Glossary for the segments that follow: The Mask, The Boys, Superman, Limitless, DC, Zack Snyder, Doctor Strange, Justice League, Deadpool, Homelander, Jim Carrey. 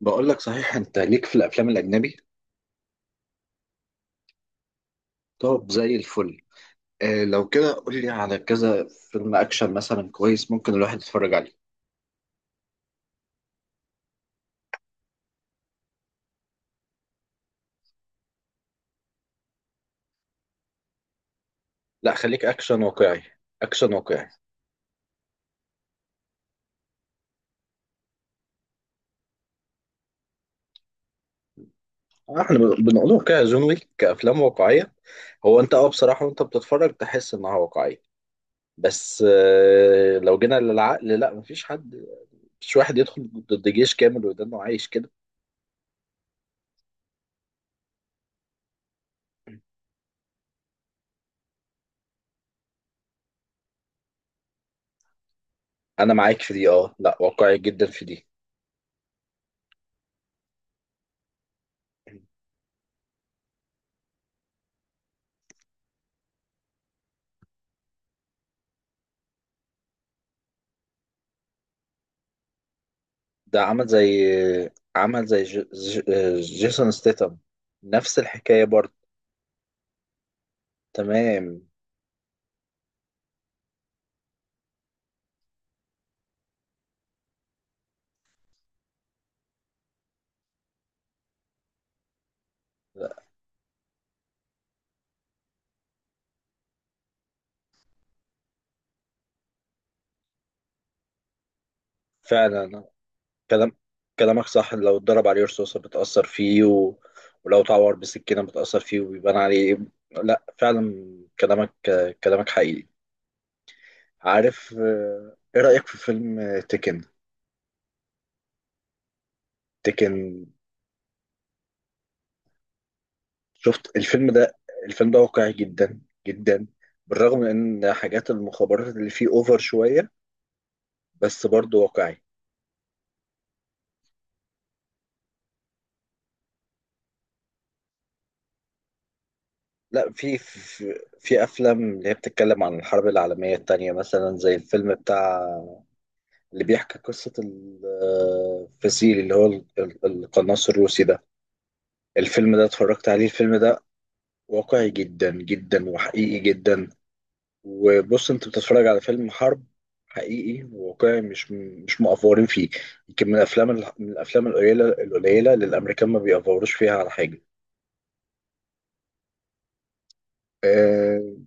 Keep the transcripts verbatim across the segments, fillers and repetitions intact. بقول لك صحيح انت ليك في الافلام الاجنبي. طب زي الفل. آه لو كده قول لي على كذا فيلم اكشن مثلا كويس ممكن الواحد يتفرج عليه. لا خليك اكشن واقعي. اكشن واقعي. احنا بن- بنقوله كده زومي كافلام واقعيه. هو انت اه بصراحه وانت بتتفرج تحس انها واقعيه. بس آه لو جينا للعقل لا مفيش حد. مش واحد يدخل ضد جيش كامل ويضل إنه عايش كده. انا معاك في دي اه لا واقعي جدا في دي. ده عمل زي عمل زي ج- ج- جيسون ستيتم. نفس الحكاية برضه. تمام. فعلا كلام. كلامك صح لو اتضرب عليه رصاصة بتأثر فيه و... ولو اتعور بسكينة بتأثر فيه وبيبان عليه. لا فعلا كلامك. كلامك حقيقي. عارف آه، ايه رأيك في فيلم آه، تيكن؟ تيكن. شفت الفيلم ده؟ الفيلم ده واقعي جدا جدا بالرغم من ان حاجات المخابرات اللي فيه اوفر شوية. بس برضه واقعي. لا في في في افلام اللي هي بتتكلم عن الحرب العالميه الثانيه مثلا زي الفيلم بتاع اللي بيحكي قصه الفسيل اللي هو ال- ال- القناص الروسي ده. الفيلم ده اتفرجت عليه. الفيلم ده واقعي جدا جدا وحقيقي جدا. وبص انت بتتفرج على فيلم حرب حقيقي وواقعي مش مش مأفورين فيه. يمكن من الافلام الح- من الافلام القليله القليله اللي الامريكان ما بيأفوروش فيها على حاجه. أه.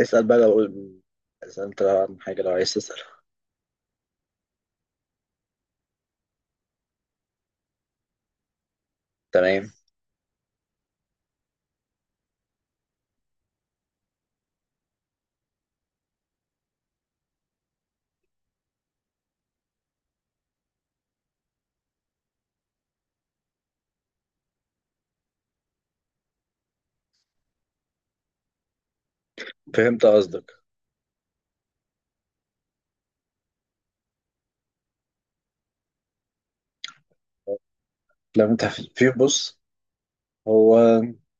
اسأل بقى لو اذا انت عن حاجه لو عايز تسأل. تمام فهمت قصدك. لما انت في بص. هو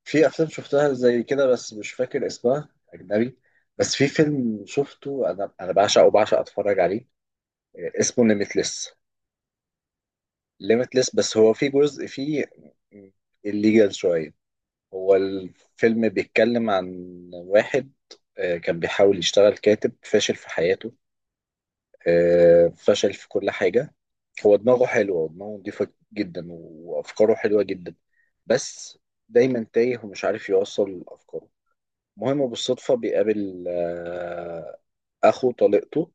في افلام شفتها زي كده بس مش فاكر اسمها اجنبي. بس في فيلم شفته انا انا بعشق وبعشق اتفرج عليه. اسمه ليميتلس. ليميتلس بس هو في جزء فيه الليجال شويه. هو الفيلم بيتكلم عن واحد، آه، كان بيحاول يشتغل كاتب فاشل في حياته. آه، فشل في كل حاجة. هو دماغه حلوة ودماغه نضيفة جدا وأفكاره حلوة جدا. بس دايما تايه ومش عارف يوصل أفكاره. المهم بالصدفة بيقابل آه، أخو طليقته.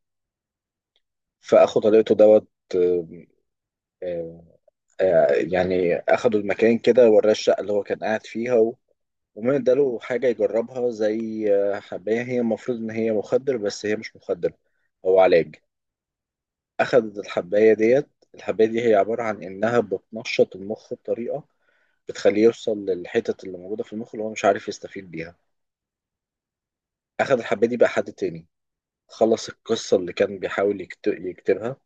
فأخو طليقته دوت. آه، آه، آه، يعني أخده المكان كده وراه الشقة اللي هو كان قاعد فيها و- ومن اداله حاجة يجربها زي آه، حباية هي المفروض إن هي مخدر بس هي مش مخدر. هو علاج. أخدت الحباية ديت. الحباية دي هي عبارة عن إنها بتنشط المخ بطريقة بتخليه يوصل للحتت اللي موجودة في المخ اللي هو مش عارف يستفيد بيها. أخد الحباية دي بقى حد تاني. خلص القصة اللي كان بيحاول يكت- يكتبها.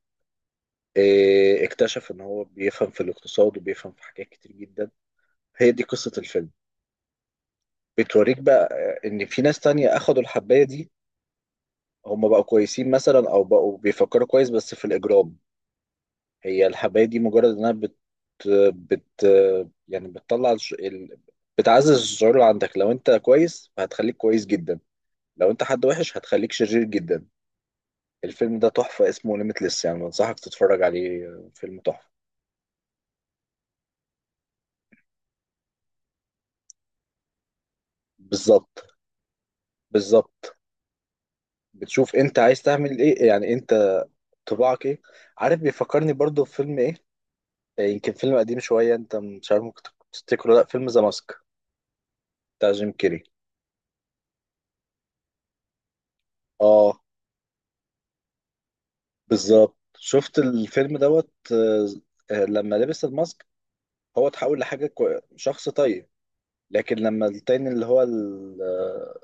إيه، اكتشف إن هو بيفهم في الاقتصاد وبيفهم في حاجات كتير جدا. هي دي قصة الفيلم. بتوريك بقى آه، إن في ناس تانية أخدوا الحباية دي. هم بقوا كويسين مثلا أو بقوا بيفكروا كويس بس في الإجرام. هي الحباية دي مجرد انها بت بت يعني بتطلع الش- ال... بتعزز الشعور اللي عندك. لو انت كويس فهتخليك كويس جدا. لو انت حد وحش هتخليك شرير جدا. الفيلم ده تحفة اسمه ليميتلس يعني بنصحك تتفرج عليه. فيلم تحفة. بالظبط. بالظبط. بتشوف انت عايز تعمل ايه يعني. انت طباعك ايه. عارف بيفكرني برضو بفيلم ايه؟ يمكن فيلم قديم شوية انت مش عارف ممكن تفتكره. لا فيلم ذا ماسك بتاع جيم كيري. اه بالظبط. شفت الفيلم دوت آه، آه، لما لبس الماسك هو اتحول لحاجة كو... شخص طيب. لكن لما التاني اللي هو ال- آه،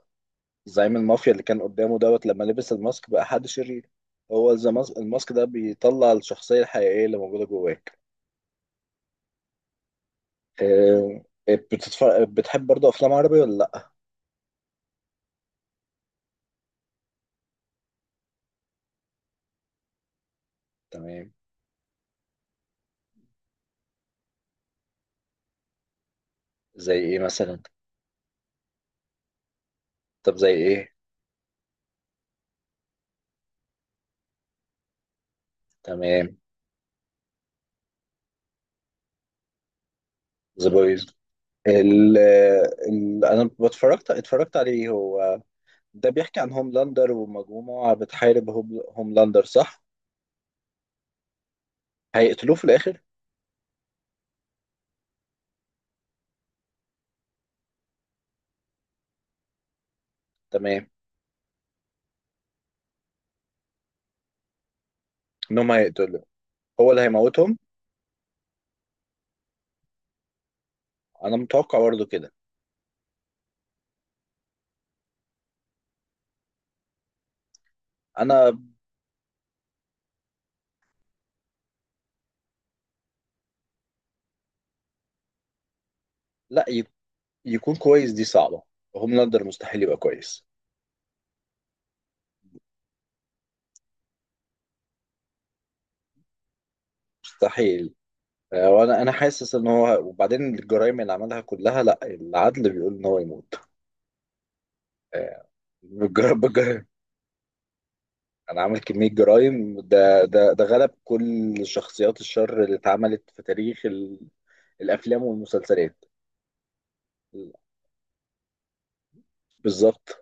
زعيم المافيا اللي كان قدامه دوت لما لبس الماسك بقى حد شرير. هو الزماس- الماسك ده بيطلع الشخصية الحقيقية اللي موجودة جواك. آه، بتتفرج بتحب برضه أفلام عربي ولا لأ؟ تمام. زي إيه مثلا؟ طب زي إيه؟ تمام. ذا بويز. ال... آه، ال... أنا اتفرجت اتفرجت عليه. هو ده بيحكي عن هوملاندر ومجموعة بتحارب هوم- هوملاندر صح؟ هيقتلوه في الآخر؟ تمام. إنهم هيقتلوه. هو اللي هيموتهم. أنا متوقع برضه كده. أنا لا ي- يكون كويس دي صعبة. هوملاندر مستحيل يبقى كويس. مستحيل. آه، وأنا أنا حاسس إن هو وبعدين الجرايم اللي عملها كلها لا العدل بيقول إن هو يموت. آه، بالجرائم بالجرائم. أنا عامل كمية جرايم. ده ده ده غلب كل شخصيات الشر اللي اتعملت في تاريخ ال- الأفلام والمسلسلات. بالظبط.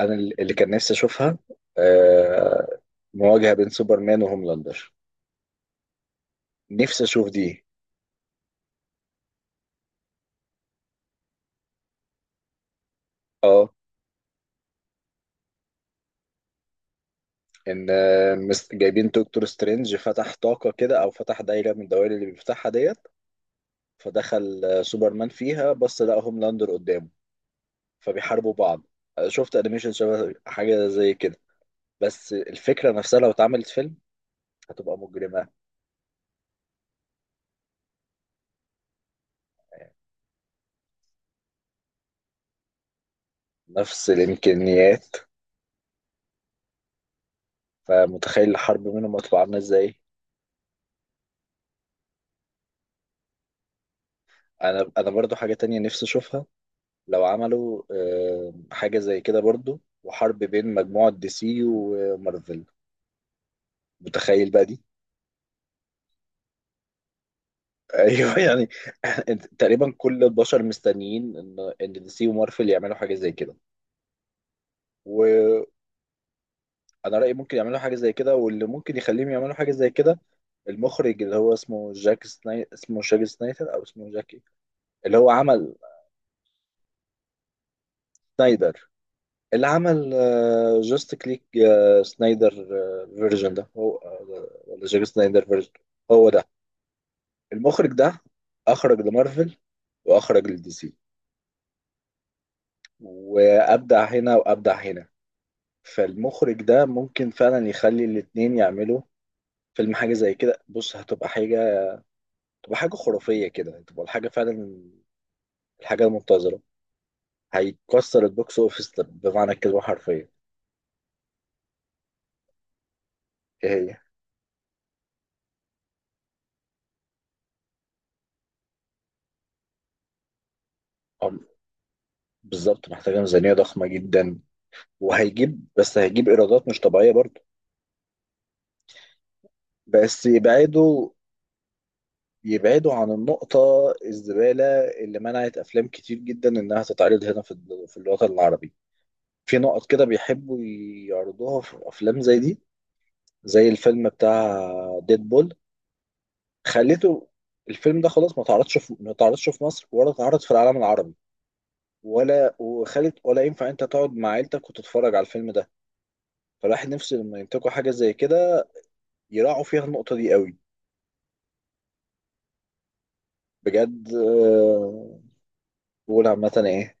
انا اللي كان نفسي اشوفها، آه، مواجهه بين سوبرمان وهوملاندر. نفسي اشوف دي. اه ان آه، مس- جايبين دكتور سترينج فتح طاقه كده او فتح دايره من الدوائر اللي بيفتحها ديت. فدخل آه، سوبرمان فيها بس لقى هوملاندر قدامه. فبيحاربوا بعض. آه، شفت انيميشن شبه حاجه زي كده. بس الفكره نفسها لو اتعملت فيلم هتبقى مجرمه. نفس الامكانيات. فمتخيل الحرب منهم هتبقى عامله ازاي. انا انا برضو حاجه تانية نفسي اشوفها. لو عملوا آه، حاجة زي كده برضو، وحرب بين مجموعة دي سي ومارفل. متخيل بقى دي. ايوه يعني. إنت- تقريبا كل البشر مستنيين ان ان دي سي ومارفل يعملوا حاجة زي كده. وانا رأيي ممكن يعملوا حاجة زي كده. واللي ممكن يخليهم يعملوا حاجة زي كده المخرج، اللي هو اسمه جاك سناي اسمه جاك سنايدر او اسمه جاك إيه؟ اللي هو عمل سنايدر. اللي عمل جاست كليك. سنايدر فيرجن ده هو آه، ولا جاك سنايدر فيرجن؟ هو ده المخرج ده. اخرج لمارفل واخرج لدي سي وابدع هنا وابدع هنا. فالمخرج ده ممكن فعلا يخلي الاتنين يعملوا فيلم حاجه زي كده. بص هتبقى حاجه تبقى حاجه خرافيه كده، تبقى الحاجه فعلا الحاجه المنتظره. هيكسر البوكس اوفيس بمعنى الكلمه حرفيا. ايه هي؟ أم- بالظبط. محتاجه ميزانيه ضخمه جدا. وهيجيب بس هيجيب ايرادات مش طبيعيه برضه. بس يبعدوا. يبعدوا عن النقطة الزبالة اللي منعت أفلام كتير جدا إنها تتعرض هنا في ال- في الوطن العربي. في نقط كده بيحبوا يعرضوها في أفلام زي دي. زي الفيلم بتاع ديد بول. خليته الفيلم ده خلاص ما تعرضش في ما تعرضش في مصر ولا تعرض في العالم العربي. ولا وخلت ولا ينفع أنت تقعد مع عيلتك وتتفرج على الفيلم ده. فالواحد نفسه لما ينتجوا حاجة زي كده يراعوا فيها النقطة دي قوي. بجد آه، بقول عامة إيه.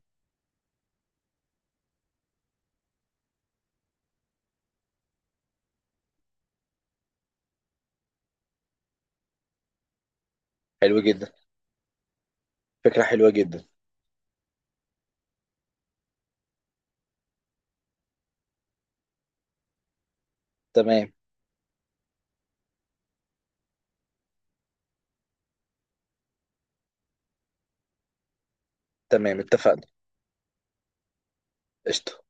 حلو جدا. فكرة حلوة جدا. تمام. تمام اتفقنا. قشطة.